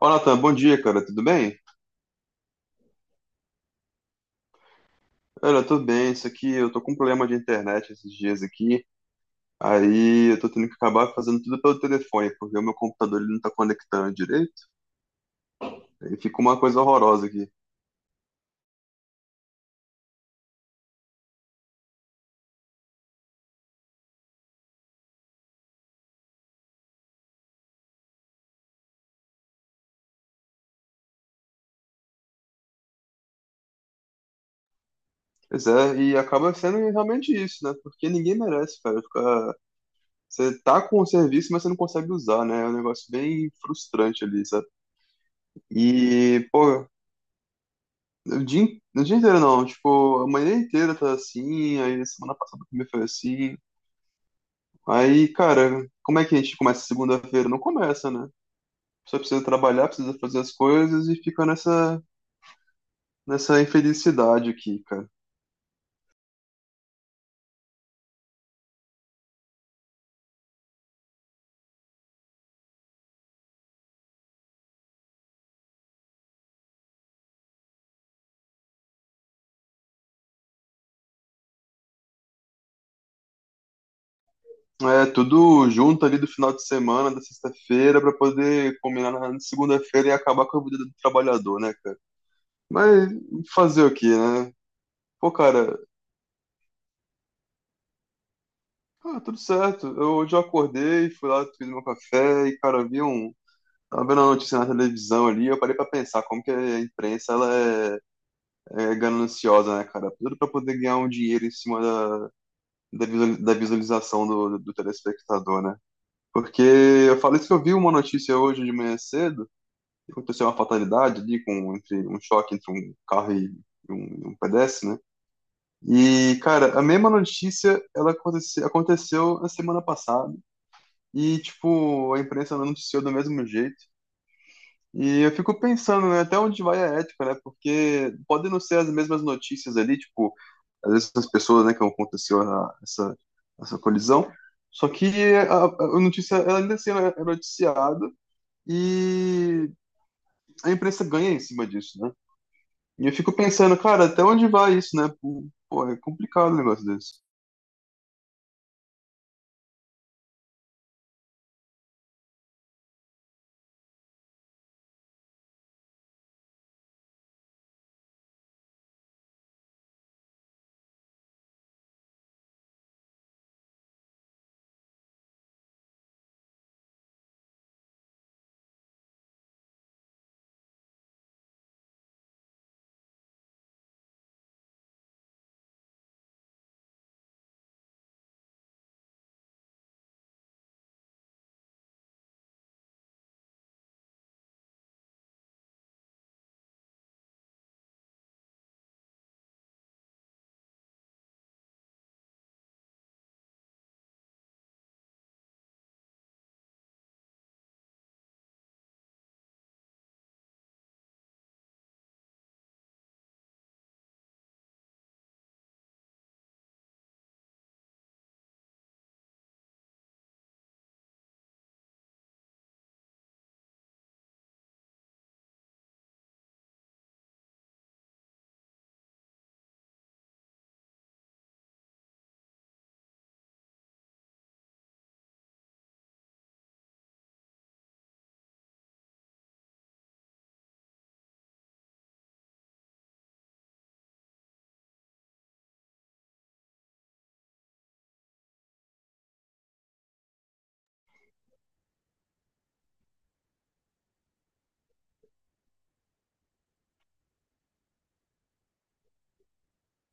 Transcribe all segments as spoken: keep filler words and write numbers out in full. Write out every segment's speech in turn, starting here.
Olá, Natan, bom dia, cara. Tudo bem? Olha, tudo bem. Isso aqui, eu tô com um problema de internet esses dias aqui. Aí eu tô tendo que acabar fazendo tudo pelo telefone, porque o meu computador ele não tá conectando direito. Aí fica uma coisa horrorosa aqui. Pois é, e acaba sendo realmente isso, né? Porque ninguém merece, cara, ficar... Você tá com o serviço, mas você não consegue usar, né? É um negócio bem frustrante ali, sabe? E, pô, o dia, in- o dia inteiro não. Tipo, a manhã inteira tá assim, aí semana passada também foi assim. Aí, cara, como é que a gente começa segunda-feira? Não começa, né? Só precisa trabalhar, precisa fazer as coisas e fica nessa, nessa infelicidade aqui, cara. É tudo junto ali do final de semana, da sexta-feira, pra poder combinar na segunda-feira e acabar com a vida do trabalhador, né, cara? Mas fazer o quê, né? Pô, cara, ah, tudo certo. Eu hoje eu acordei, fui lá, fiz meu café e, cara, vi um. Tava vendo a notícia na televisão ali, eu parei pra pensar como que a imprensa ela é é, gananciosa, né, cara? Tudo para poder ganhar um dinheiro em cima da, da, visualização do, do telespectador, né? Porque eu falei isso que eu vi uma notícia hoje de manhã cedo, que aconteceu uma fatalidade ali, com entre, um choque entre um carro e um, um pedestre, né? E, cara, a mesma notícia ela aconteceu, aconteceu na semana passada e, tipo, a imprensa não noticiou do mesmo jeito. E eu fico pensando, né, até onde vai a ética, né? Porque podem não ser as mesmas notícias ali, tipo, às vezes essas pessoas, né, que aconteceu a- essa, essa colisão. Só que a, a notícia, ela ainda assim ela é noticiada e a imprensa ganha em cima disso, né? E eu fico pensando, cara, até onde vai isso, né? Pô, pô, é complicado um negócio desse.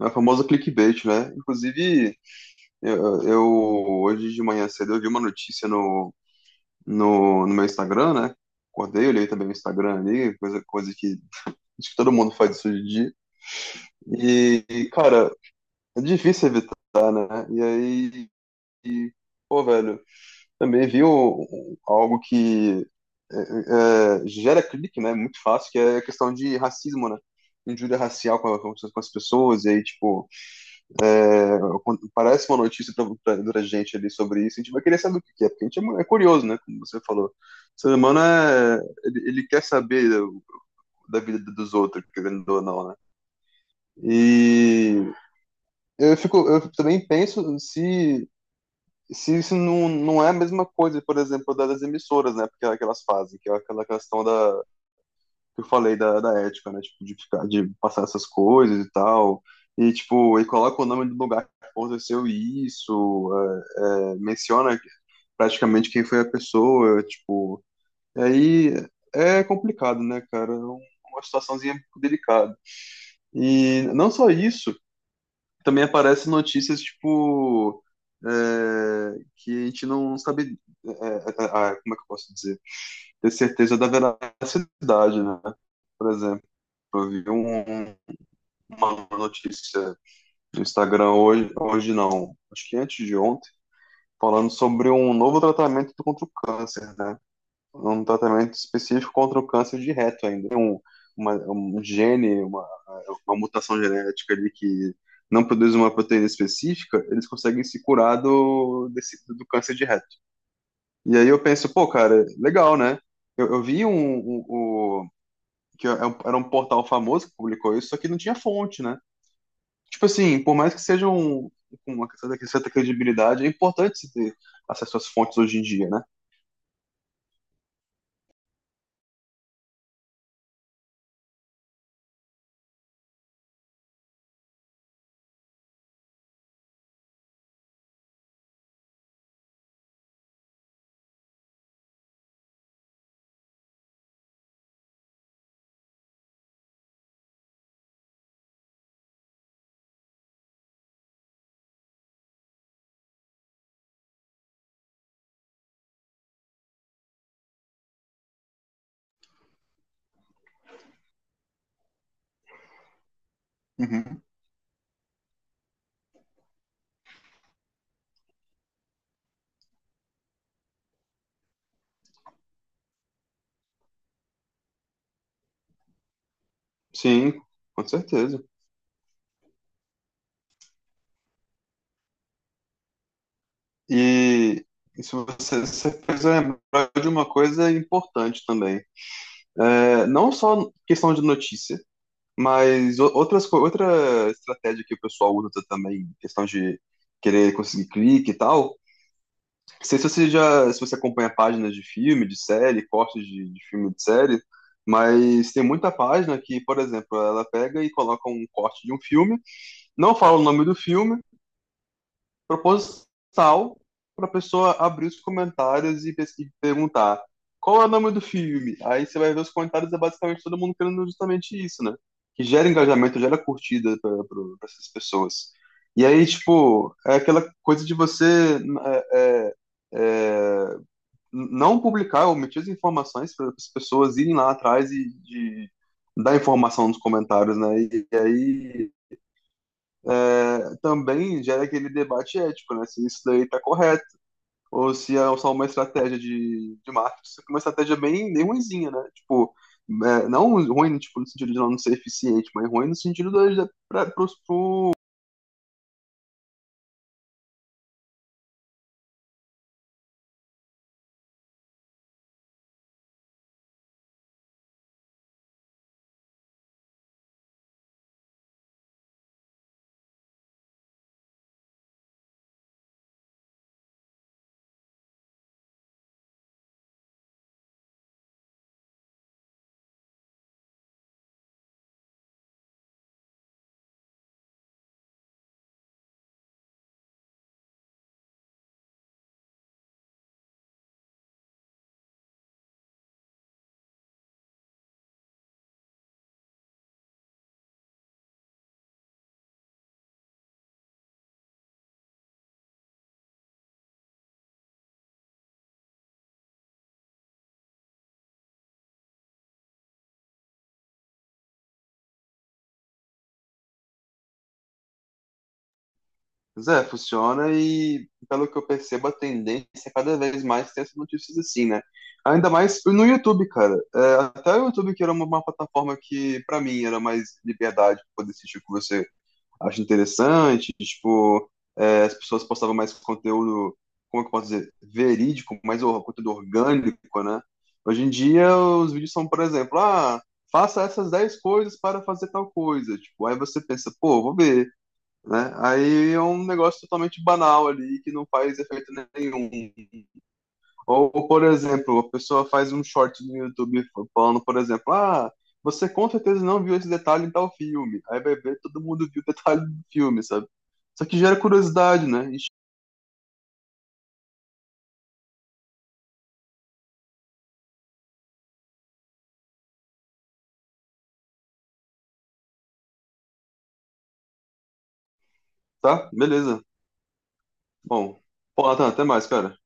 É a famosa clickbait, né? Inclusive, eu, eu- hoje de manhã cedo eu vi uma notícia no, no, no meu Instagram, né? Acordei, olhei também o Instagram ali, coisa, coisa que acho que todo mundo faz isso hoje em dia. E, cara, é difícil evitar, né? E aí, e, pô, velho, também vi o- o- algo que é, é, gera clique, né? Muito fácil, que é a questão de racismo, né? Injúria racial com, a- com as com as pessoas, e aí, tipo, é, quando parece uma notícia pra, pra, pra gente ali sobre isso, a gente vai querer saber o que que é, porque a gente é, mu- é curioso, né? Como você falou. O ser humano é, ele, ele quer saber da, da vida dos outros, querendo ou não, né? E eu fico, eu também penso se se isso não, não é a mesma coisa, por exemplo, da- das emissoras, né? Porque é aquelas fazem, que é aquela questão da que eu falei da, da ética, né? Tipo, de ficar, de passar essas coisas e tal. E tipo, e coloca o nome do lugar que aconteceu isso, é, é, menciona praticamente quem foi a pessoa, tipo. E aí é complicado, né, cara? É um- uma situaçãozinha delicada. E não só isso, também aparece notícias tipo é, que a gente não sabe, é, é, é, como é que eu posso dizer, ter certeza da veracidade, né? Por exemplo, eu vi um- uma notícia no Instagram hoje, hoje não, acho que antes de ontem, falando sobre um novo tratamento contra o câncer, né? Um tratamento específico contra o câncer de reto ainda. Tem um, uma, um gene, uma, uma mutação genética ali que não produz uma proteína específica, eles conseguem se curar do, desse, do câncer de reto. E aí eu penso, pô, cara, legal, né? Eu, eu vi um, um, um- que é um- era um portal famoso que publicou isso, só que não tinha fonte, né? Tipo assim, por mais que seja um, com uma certa, certa credibilidade, é importante se ter acesso às fontes hoje em dia, né? Uhum. Sim, com certeza. E isso você, você fez eu lembrar de uma coisa importante também. É, não só questão de notícia, mas o- outras, co- outra estratégia que o pessoal usa também, questão de querer conseguir clique e tal. Não sei se você já, se você acompanha páginas de filme, de série, cortes de, de filme, de série, mas tem muita página que, por exemplo, ela pega e coloca um corte de um filme, não fala o nome do filme, proposital para a pessoa abrir os comentários e, pes- e perguntar qual é o nome do filme? Aí você vai ver os comentários, é basicamente todo mundo querendo justamente isso, né? Que gera engajamento, gera curtida para essas pessoas. E aí, tipo, é aquela coisa de você é, é, é, não publicar, omitir as informações para as pessoas irem lá atrás e de, dar informação nos comentários, né? E, e aí é, também gera aquele debate ético, né? Se isso daí está correto, ou se é só uma estratégia de, de marketing, uma estratégia bem, bem ruimzinha, né? Tipo, é, não ruim tipo, no sentido de não ser eficiente, mas ruim no sentido de para pros, Zé, funciona e, pelo que eu percebo, a tendência é cada vez mais ter essas notícias assim, né? Ainda mais no YouTube, cara. É, até o YouTube, que era uma, uma plataforma que, para mim, era mais liberdade pra poder assistir o que você acho interessante, tipo, é, as pessoas postavam mais conteúdo, como é que eu posso dizer, verídico, mais or- conteúdo orgânico, né? Hoje em dia, os vídeos são, por exemplo, ah, faça essas dez coisas para fazer tal coisa, tipo, aí você pensa, pô, vou ver, né? Aí é um negócio totalmente banal ali, que não faz efeito nenhum. Ou, por exemplo, a pessoa faz um short no YouTube falando, por exemplo, ah, você com certeza não viu esse detalhe em tal filme. Aí vai ver, todo mundo viu o detalhe do filme, sabe? Só que gera curiosidade, né? Ixi, tá? Beleza. Bom, pô, Nathan, até mais, cara.